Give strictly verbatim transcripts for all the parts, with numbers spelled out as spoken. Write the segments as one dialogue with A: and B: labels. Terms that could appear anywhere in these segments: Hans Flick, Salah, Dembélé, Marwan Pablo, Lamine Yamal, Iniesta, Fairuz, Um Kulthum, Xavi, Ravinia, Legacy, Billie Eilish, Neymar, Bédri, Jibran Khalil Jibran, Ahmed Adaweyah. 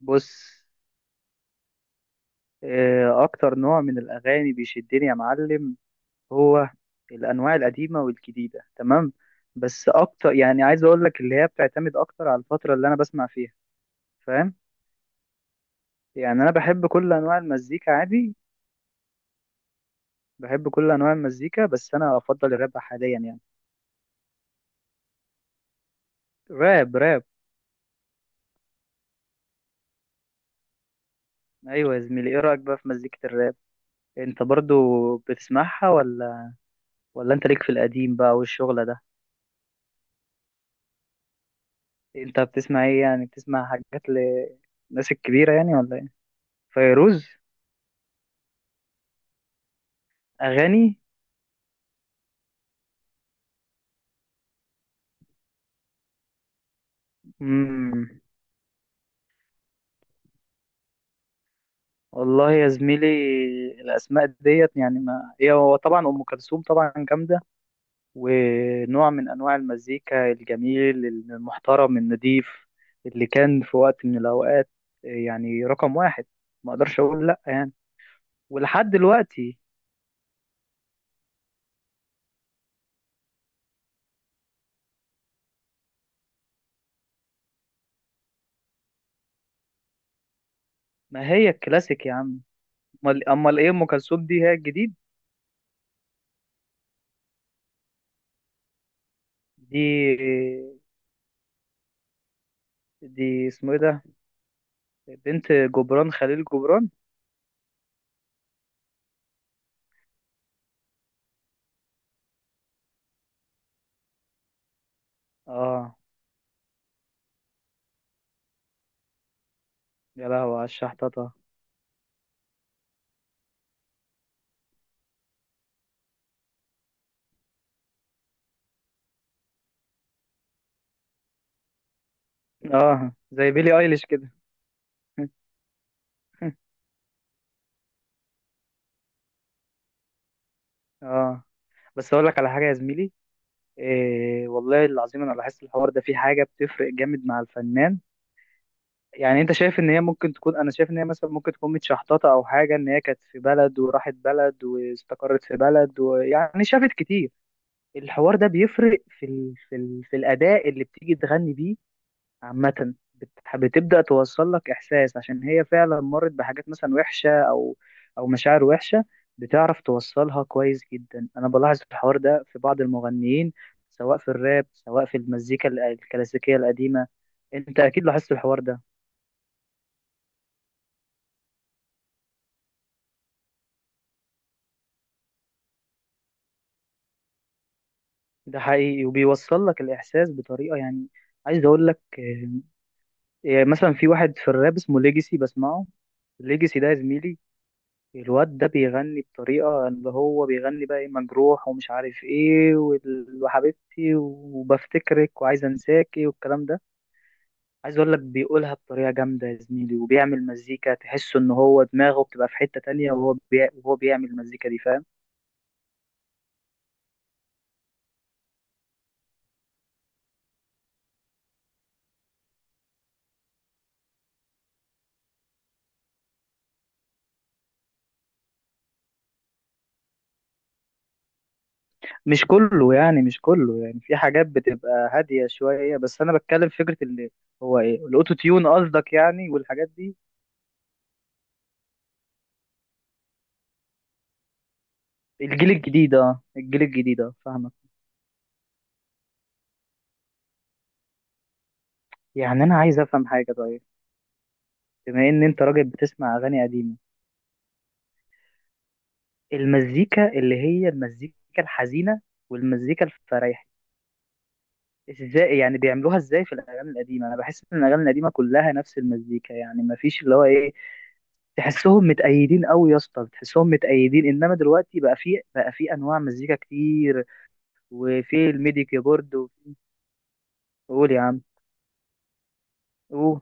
A: بص. آه، اكتر نوع من الاغاني بيشدني يا معلم، هو الانواع القديمه والجديده. تمام. بس اكتر، يعني عايز اقول لك، اللي هي بتعتمد اكتر على الفتره اللي انا بسمع فيها. فاهم؟ يعني انا بحب كل انواع المزيكا عادي. بحب كل انواع المزيكا بس انا افضل الراب حاليا يعني. راب راب. ايوه يا زميلي، ايه رايك بقى في مزيكه الراب؟ انت برضو بتسمعها ولا؟ ولا انت ليك في القديم بقى والشغله ده؟ انت بتسمع ايه؟ يعني بتسمع حاجات للناس الكبيره يعني ولا إيه؟ فيروز؟ اغاني. مم. والله يا زميلي الاسماء ديت، يعني ما هي، هو طبعا ام كلثوم طبعا جامده، ونوع من انواع المزيكا الجميل المحترم النضيف اللي كان في وقت من الاوقات يعني رقم واحد. ما اقدرش اقول لا يعني، ولحد دلوقتي. ما هي الكلاسيك يا عم. امال امال ايه، ام كلثوم دي هي الجديد؟ دي دي اسمه ايه ده؟ بنت جبران خليل جبران. اه. يا لهوي على الشحططة. اه، زي بيلي ايليش كده. اه. بس اقول لك على حاجه يا زميلي، إيه والله العظيم انا لاحظت الحوار ده، في حاجه بتفرق جامد مع الفنان. يعني انت شايف ان هي ممكن تكون، انا شايف ان هي مثلا ممكن تكون متشحططه او حاجه، ان هي كانت في بلد وراحت بلد واستقرت في بلد ويعني شافت كتير. الحوار ده بيفرق في ال... في ال... في الاداء اللي بتيجي تغني بيه. عامة بت- بتبدأ توصل لك إحساس عشان هي فعلا مرت بحاجات مثلا وحشة، أو أو مشاعر وحشة. بتعرف توصلها كويس جدا. أنا بلاحظ الحوار ده في بعض المغنيين، سواء في الراب سواء في المزيكا ال- الكلاسيكية القديمة. أنت أكيد لاحظت الحوار ده. ده حقيقي وبيوصل لك الإحساس بطريقة يعني. عايز أقول لك، آه، يعني مثلا في واحد في الراب اسمه ليجيسي بسمعه. ليجيسي ده يا زميلي، الواد ده بيغني بطريقة، اللي هو بيغني بقى ايه، مجروح ومش عارف ايه، وال- وحبيبتي وبفتكرك وعايز انساكي والكلام ده. عايز اقول لك بيقولها بطريقة جامدة يا زميلي، وبيعمل مزيكا تحس ان هو دماغه بتبقى في حتة تانية، وهو بي... وهو بيعمل المزيكا دي. فاهم؟ مش كله يعني مش كله يعني، في حاجات بتبقى هادية شوية، بس انا بتكلم فكرة اللي هو. ايه، الاوتو تيون قصدك يعني والحاجات دي؟ الجيل الجديد اه، الجيل الجديد اه، فاهمك. يعني انا عايز افهم حاجة. طيب، بما ان انت راجل بتسمع اغاني قديمه، المزيكا اللي هي المزيكا الحزينه والمزيكا الفرايحي، ازاي يعني بيعملوها ازاي في الاغاني القديمه؟ انا بحس ان الاغاني القديمه كلها نفس المزيكا، يعني ما فيش اللي هو ايه. تحسهم متأيدين قوي يا اسطى، تحسهم متأيدين. انما دلوقتي بقى في بقى في انواع مزيكا كتير، وفي الميدي كيبورد و- قول يا عم. قول.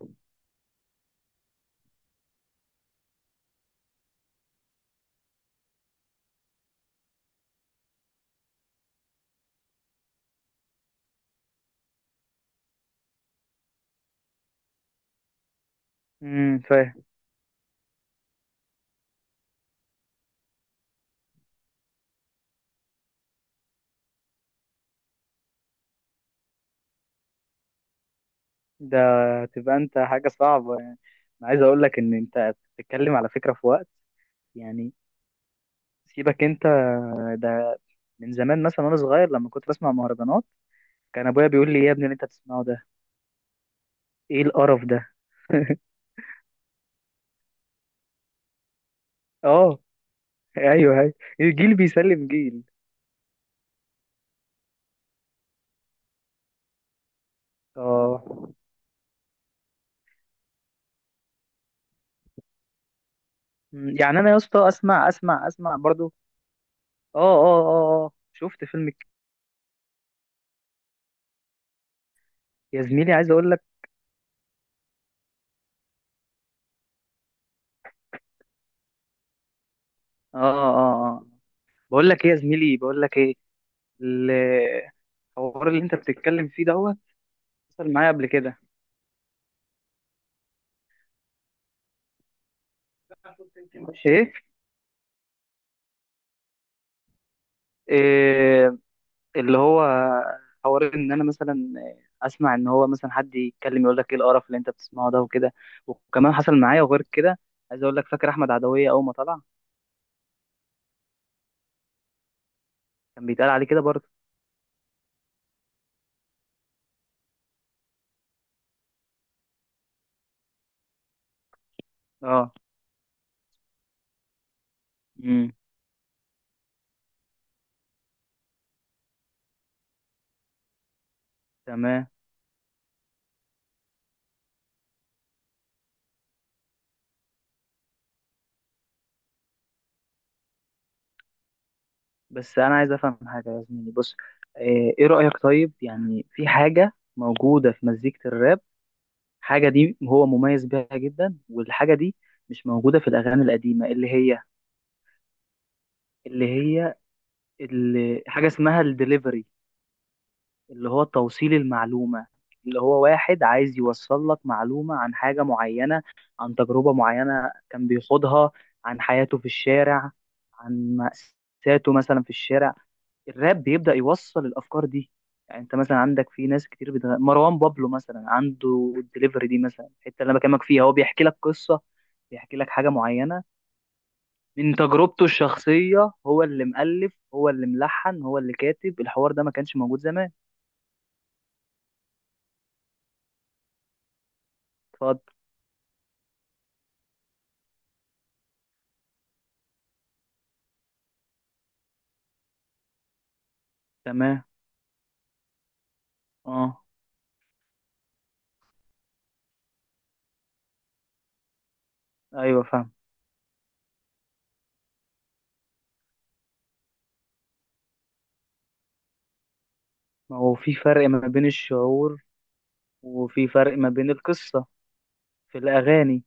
A: امم. فاهم. ده تبقى انت حاجه صعبه يعني. انا عايز اقول لك ان انت بتتكلم على فكره في وقت يعني. سيبك انت. ده من زمان مثلا وانا صغير لما كنت بسمع مهرجانات، كان ابويا بيقول لي يا ابني، اللي انت بتسمعه ده ايه القرف ده. اه. ايوه ايوه. الجيل بيسلم جيل. اه. مم، يعني انا يا اسطى اسمع اسمع اسمع برضو. اه اه اه اه. شفت فيلم ك- يا زميلي عايز اقول لك. اه اه اه. بقول لك ايه يا زميلي، بقول لك ايه، الحوار اللي انت بتتكلم فيه دوت حصل معايا قبل كده. ايه إيه، اللي هو حوار ان انا مثلا اسمع ان هو مثلا حد يتكلم يقول لك ايه القرف اللي انت بتسمعه ده وكده. وكمان حصل معايا وغير كده. عايز اقول لك، فاكر احمد عدويه اول ما طلع؟ كان بيتقال عليه كده برضه. اه. امم. تمام. بس انا عايز افهم حاجه يا زميلي، بص. ايه إيه رايك طيب، يعني في حاجه موجوده في مزيكه الراب، حاجه دي هو مميز بيها جدا، والحاجه دي مش موجوده في الاغاني القديمه اللي هي اللي هي اللي حاجه اسمها الدليفري، اللي هو توصيل المعلومة، اللي هو واحد عايز يوصل لك معلومة عن حاجة معينة، عن تجربة معينة كان بيخوضها، عن حياته في الشارع، عن مأساته مثلا في الشارع. الراب بيبدأ يوصل الأفكار دي. يعني انت مثلا عندك في ناس كتير بتغ... مروان بابلو مثلا عنده الدليفري دي، مثلا الحتة اللي انا بكلمك فيها هو بيحكي لك قصة، بيحكي لك حاجة معينة من تجربته الشخصية، هو اللي مؤلف هو اللي ملحن هو اللي كاتب. الحوار ده ما كانش موجود زمان. اتفضل. تمام. اه. ايوه فاهم. ما هو في فرق ما بين الشعور، وفي فرق ما بين القصة في الأغاني.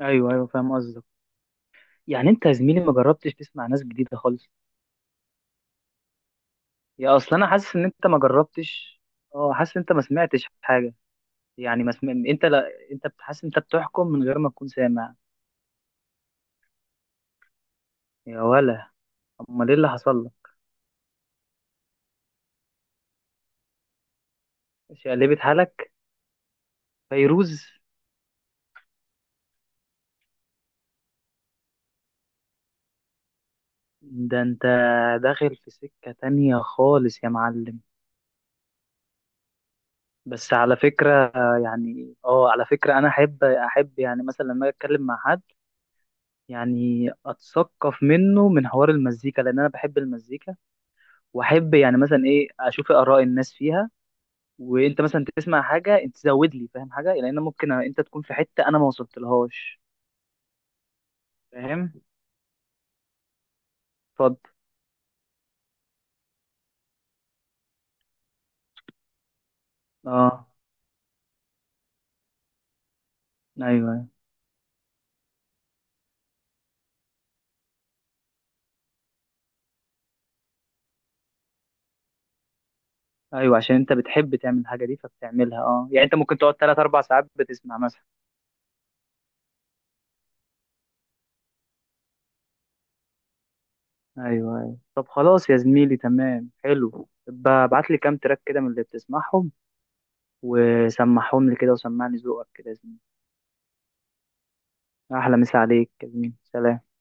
A: ايوه ايوه فاهم قصدك. يعني انت يا زميلي ما جربتش تسمع ناس جديدة خالص؟ يا اصل انا حاسس ان انت ما جربتش. اه، حاسس ان انت ما سمعتش حاجة. يعني ما سمع... انت لا، انت بتحس، انت بتحكم من غير ما تكون سامع. يا ولا. امال ايه اللي حصل لك؟ شقلبت حالك؟ فيروز. ده انت داخل في سكة تانية خالص يا معلم. بس على فكرة آه، يعني اه، على فكرة أنا أحب أحب يعني مثلا لما أجي أتكلم مع حد، يعني أتثقف منه من حوار المزيكا لأن أنا بحب المزيكا، وأحب يعني مثلا إيه أشوف آراء الناس فيها. وأنت مثلا تسمع حاجة أنت تزود لي، فاهم حاجة، لأن ممكن أنت تكون في حتة أنا ما وصلتلهاش. فاهم. اتفضل. أه. أيوه أيوه عشان أنت بتحب تعمل الحاجة دي فبتعملها، أه يعني أنت ممكن تقعد تلات أربع ساعات بتسمع مثلا. ايوه ايوه. طب خلاص يا زميلي تمام حلو، ابعت لي كام تراك كده من اللي بتسمعهم، وسمعهم لي كده وسمعني ذوقك كده يا زميلي. احلى مسا عليك يا زميلي، سلام.